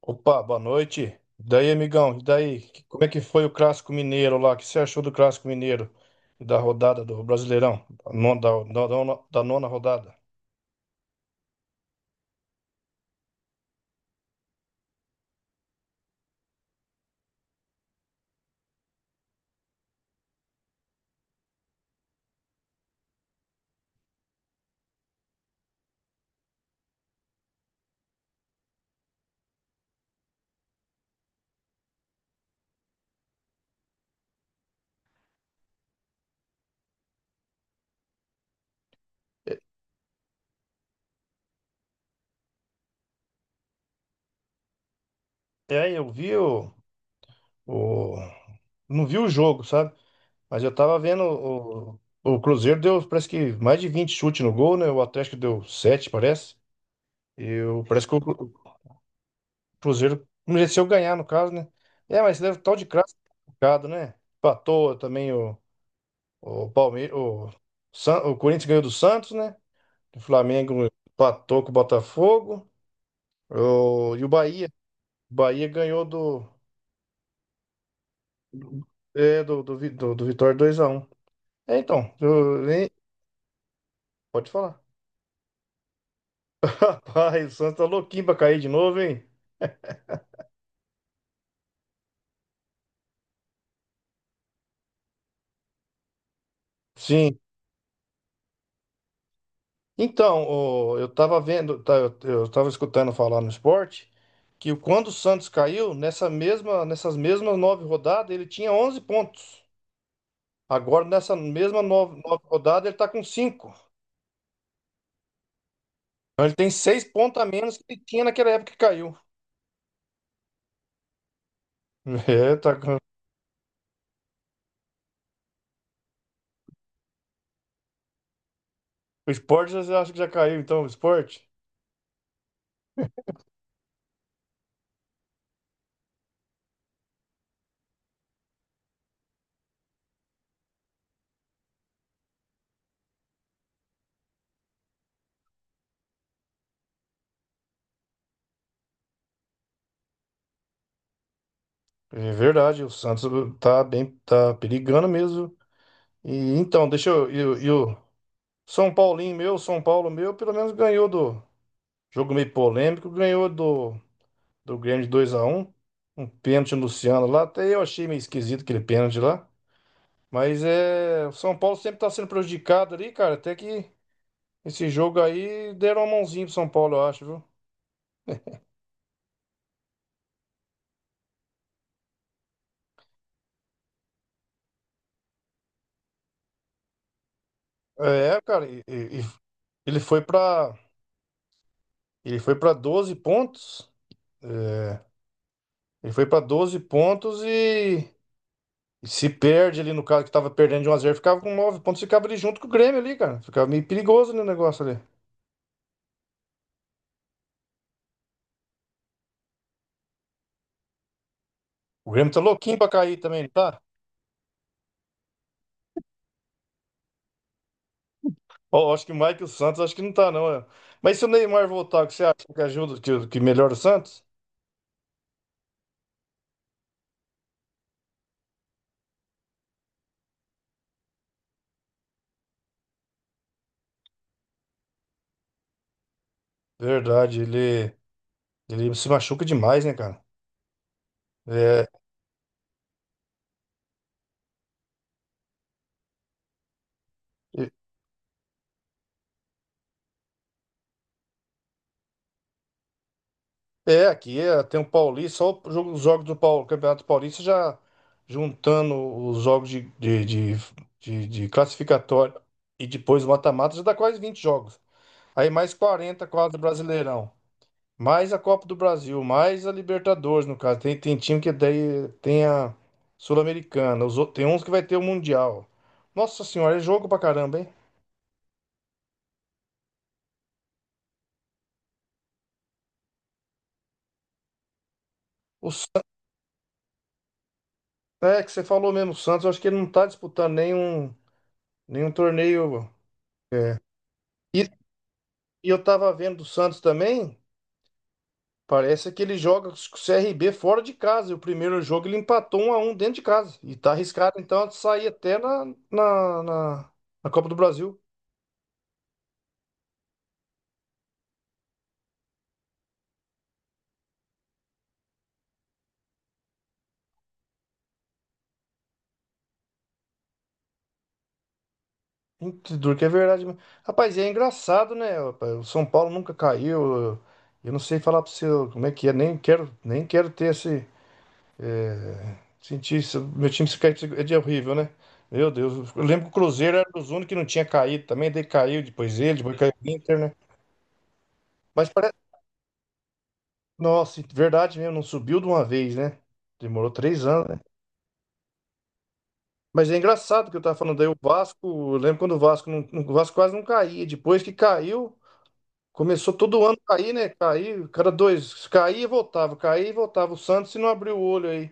Opa, boa noite. E daí, amigão? E daí? Como é que foi o Clássico Mineiro lá? O que você achou do Clássico Mineiro e da rodada do Brasileirão? Da nona rodada. É, é, eu vi o- não vi o jogo, sabe? Mas eu tava vendo o Cruzeiro deu, parece que mais de 20 chutes no gol, né? O Atlético deu 7, parece. Parece que o Cruzeiro mereceu ganhar, no caso, né? É, mas deve tal de clássico, complicado, né? Empatou também o. O Palmeiras, o, o Corinthians ganhou do Santos, né? O Flamengo empatou com o Botafogo. E o Bahia. O Bahia ganhou do, é, do, do, Vi- do, do Vitória 2-1. É, então, hein? Pode falar. Rapaz, o Santos tá louquinho pra cair de novo, hein? Sim. Então, eu tava vendo, tá, eu tava escutando falar no esporte que quando o Santos caiu, nessa mesma, nessas mesmas nove rodadas, ele tinha 11 pontos. Agora, nessa mesma nova rodada, ele está com cinco. Então, ele tem seis pontos a menos que ele tinha naquela época que caiu. É, tá com... O Sport já acha que já caiu, então, o Sport. É verdade, o Santos tá bem, tá perigando mesmo. E então, deixa eu. E o São Paulinho meu, São Paulo meu, pelo menos ganhou do. Jogo meio polêmico, ganhou do Grêmio de 2-1. Um pênalti no Luciano lá. Até eu achei meio esquisito aquele pênalti lá. Mas é. O São Paulo sempre tá sendo prejudicado ali, cara. Até que esse jogo aí deram a mãozinha pro São Paulo, eu acho, viu? É, cara, e ele foi pra. Ele foi para 12 pontos. É, ele foi pra 12 pontos e se perde ali no caso que tava perdendo de 1-0, ficava com 9 pontos, ficava ali junto com o Grêmio ali, cara. Ficava meio perigoso no negócio ali. O Grêmio tá louquinho pra cair também, não tá? Ó, acho que mais que o Michael Santos acho que não tá não, é. Mas se o Neymar voltar, o que você acha que ajuda, que melhora o Santos? Verdade, ele se machuca demais, né, cara? É, É, aqui é, tem o Paulista, só os jogos Campeonato Paulista já juntando os jogos de classificatório e depois o mata-mata, já dá quase 20 jogos. Aí mais 40 quase Brasileirão, mais a Copa do Brasil, mais a Libertadores, no caso. Tem time que daí tem a Sul-Americana, tem uns que vai ter o Mundial. Nossa Senhora, é jogo pra caramba, hein? O, Sa- é que você falou mesmo, o Santos, eu acho que ele não tá disputando nenhum torneio. é E eu tava vendo o Santos também. Parece que ele joga com o CRB fora de casa. E o primeiro jogo ele empatou 1-1 dentro de casa. E tá arriscado então de sair até na, na, na Copa do Brasil. Muito duro, que é verdade. Mesmo. Rapaz, e é engraçado, né, rapaz? O São Paulo nunca caiu. Eu não sei falar pra você como é que é. Nem quero, nem quero ter esse. é, Sentir isso. Meu time se cair é de horrível, né? Meu Deus. Eu lembro que o Cruzeiro era dos únicos que não tinha caído também. Daí caiu, depois caiu o Inter, né? Mas parece Nossa, verdade mesmo, não subiu de uma vez, né? Demorou 3 anos, né? Mas é engraçado que eu tava falando aí, o Vasco, eu lembro quando o Vasco, não, o Vasco quase não caía, depois que caiu, começou todo ano a cair, né? Cair, cada dois, caía e voltava, o Santos se não abriu o olho aí.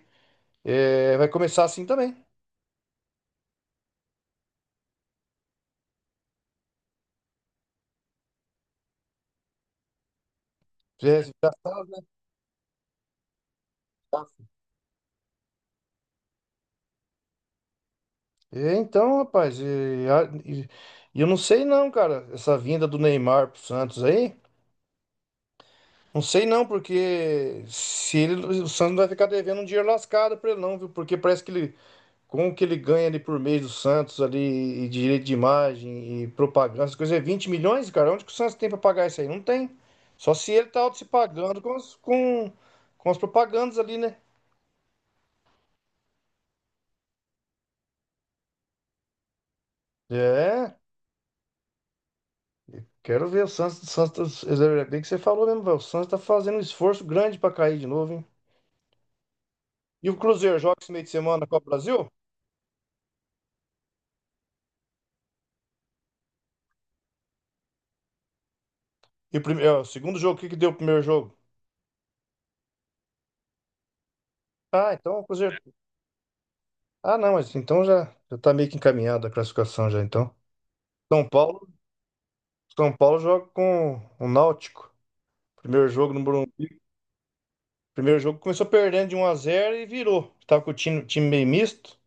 É, vai começar assim também. É, é, então, rapaz, e eu não sei não, cara, essa vinda do Neymar pro Santos aí. Não sei não, porque se ele, o Santos vai ficar devendo um dinheiro lascado pra ele não, viu? Porque parece que ele, com o que ele ganha ali por mês do Santos ali, e direito de imagem, e propaganda, essas coisas, é 20 milhões, cara? Onde que o Santos tem pra pagar isso aí? Não tem. Só se ele tá se pagando com as propagandas ali, né? É, quero ver o Santos, é bem que você falou mesmo, velho. O Santos tá fazendo um esforço grande pra cair de novo, hein? E o Cruzeiro joga esse meio de semana na Copa do Brasil? O segundo jogo, o que que deu o primeiro jogo? Ah, então o Cruzeiro Ah, não, mas então já tá meio que encaminhada a classificação já, então. São Paulo, São Paulo joga com o Náutico. Primeiro jogo no Morumbi. Primeiro jogo começou perdendo de 1-0 e virou. Tava com o time meio misto,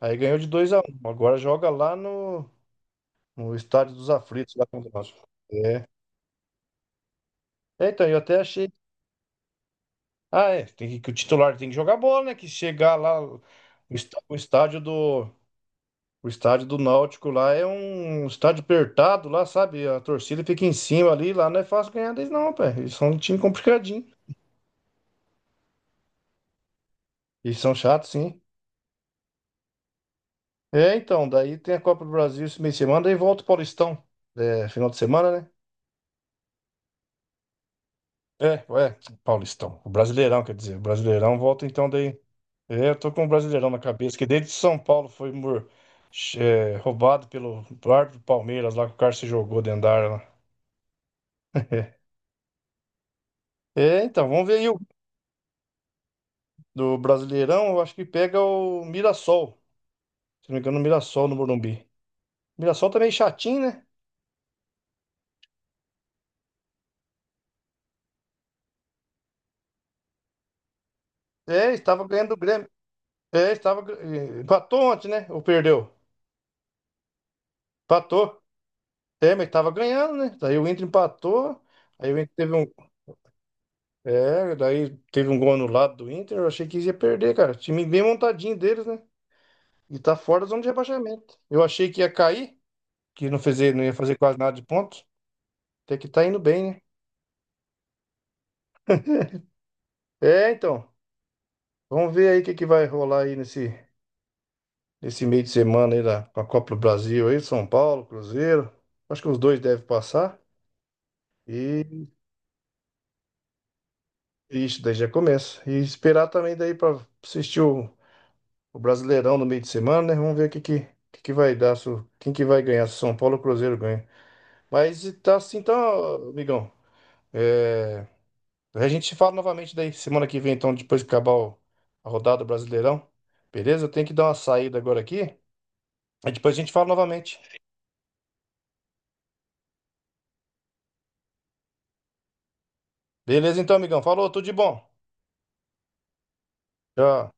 aí ganhou de 2-1. Agora joga lá no Estádio dos Aflitos, lá contra o Náutico. É. É, então, eu até achei. Ah, é, tem que o titular tem que jogar bola, né? Que chegar lá, está- o estádio do, O estádio do Náutico lá é um estádio apertado lá, sabe? A torcida fica em cima ali, lá não é fácil ganhar deles não, pé. Eles são um time complicadinho. Eles são chatos, sim. É, então, daí tem a Copa do Brasil esse meio de semana, daí volta o Paulistão. É, final de semana, né? É, é, Paulistão. O Brasileirão, quer dizer. O Brasileirão volta então daí. É, eu tô com o Brasileirão na cabeça, que desde São Paulo foi roubado pelo árbitro do Palmeiras lá, que o cara se jogou dentro da área lá. É, então, vamos ver aí do Brasileirão, eu acho que pega o Mirassol. Se não me engano, o Mirassol no Morumbi. Mirassol também chatinho, né? É, estava ganhando do Grêmio. É, estava. Empatou ontem, né? Ou perdeu? Empatou. É, mas estava ganhando, né? Daí o Inter empatou. Aí o Inter teve um. É, daí teve um gol anulado do Inter. Eu achei que ia perder, cara. Time bem montadinho deles, né? E tá fora da zona de rebaixamento. Eu achei que ia cair, que não, fez, não ia fazer quase nada de pontos. Até que tá indo bem, né? É, então. Vamos ver aí o que que vai rolar aí nesse. Nesse meio de semana aí da, com a Copa do Brasil aí, São Paulo, Cruzeiro. Acho que os dois devem passar. E isso, daí já começa. E esperar também daí para assistir o Brasileirão no meio de semana, né? Vamos ver o que vai dar, se, o- quem que vai ganhar, se o São Paulo ou o Cruzeiro ganha. Mas e tá assim, então, amigão. É, a gente se fala novamente daí semana que vem, então, depois que acabar a rodada do Brasileirão. Beleza? Eu tenho que dar uma saída agora aqui. Aí depois a gente fala novamente. Beleza, então, amigão. Falou, tudo de bom. Tchau.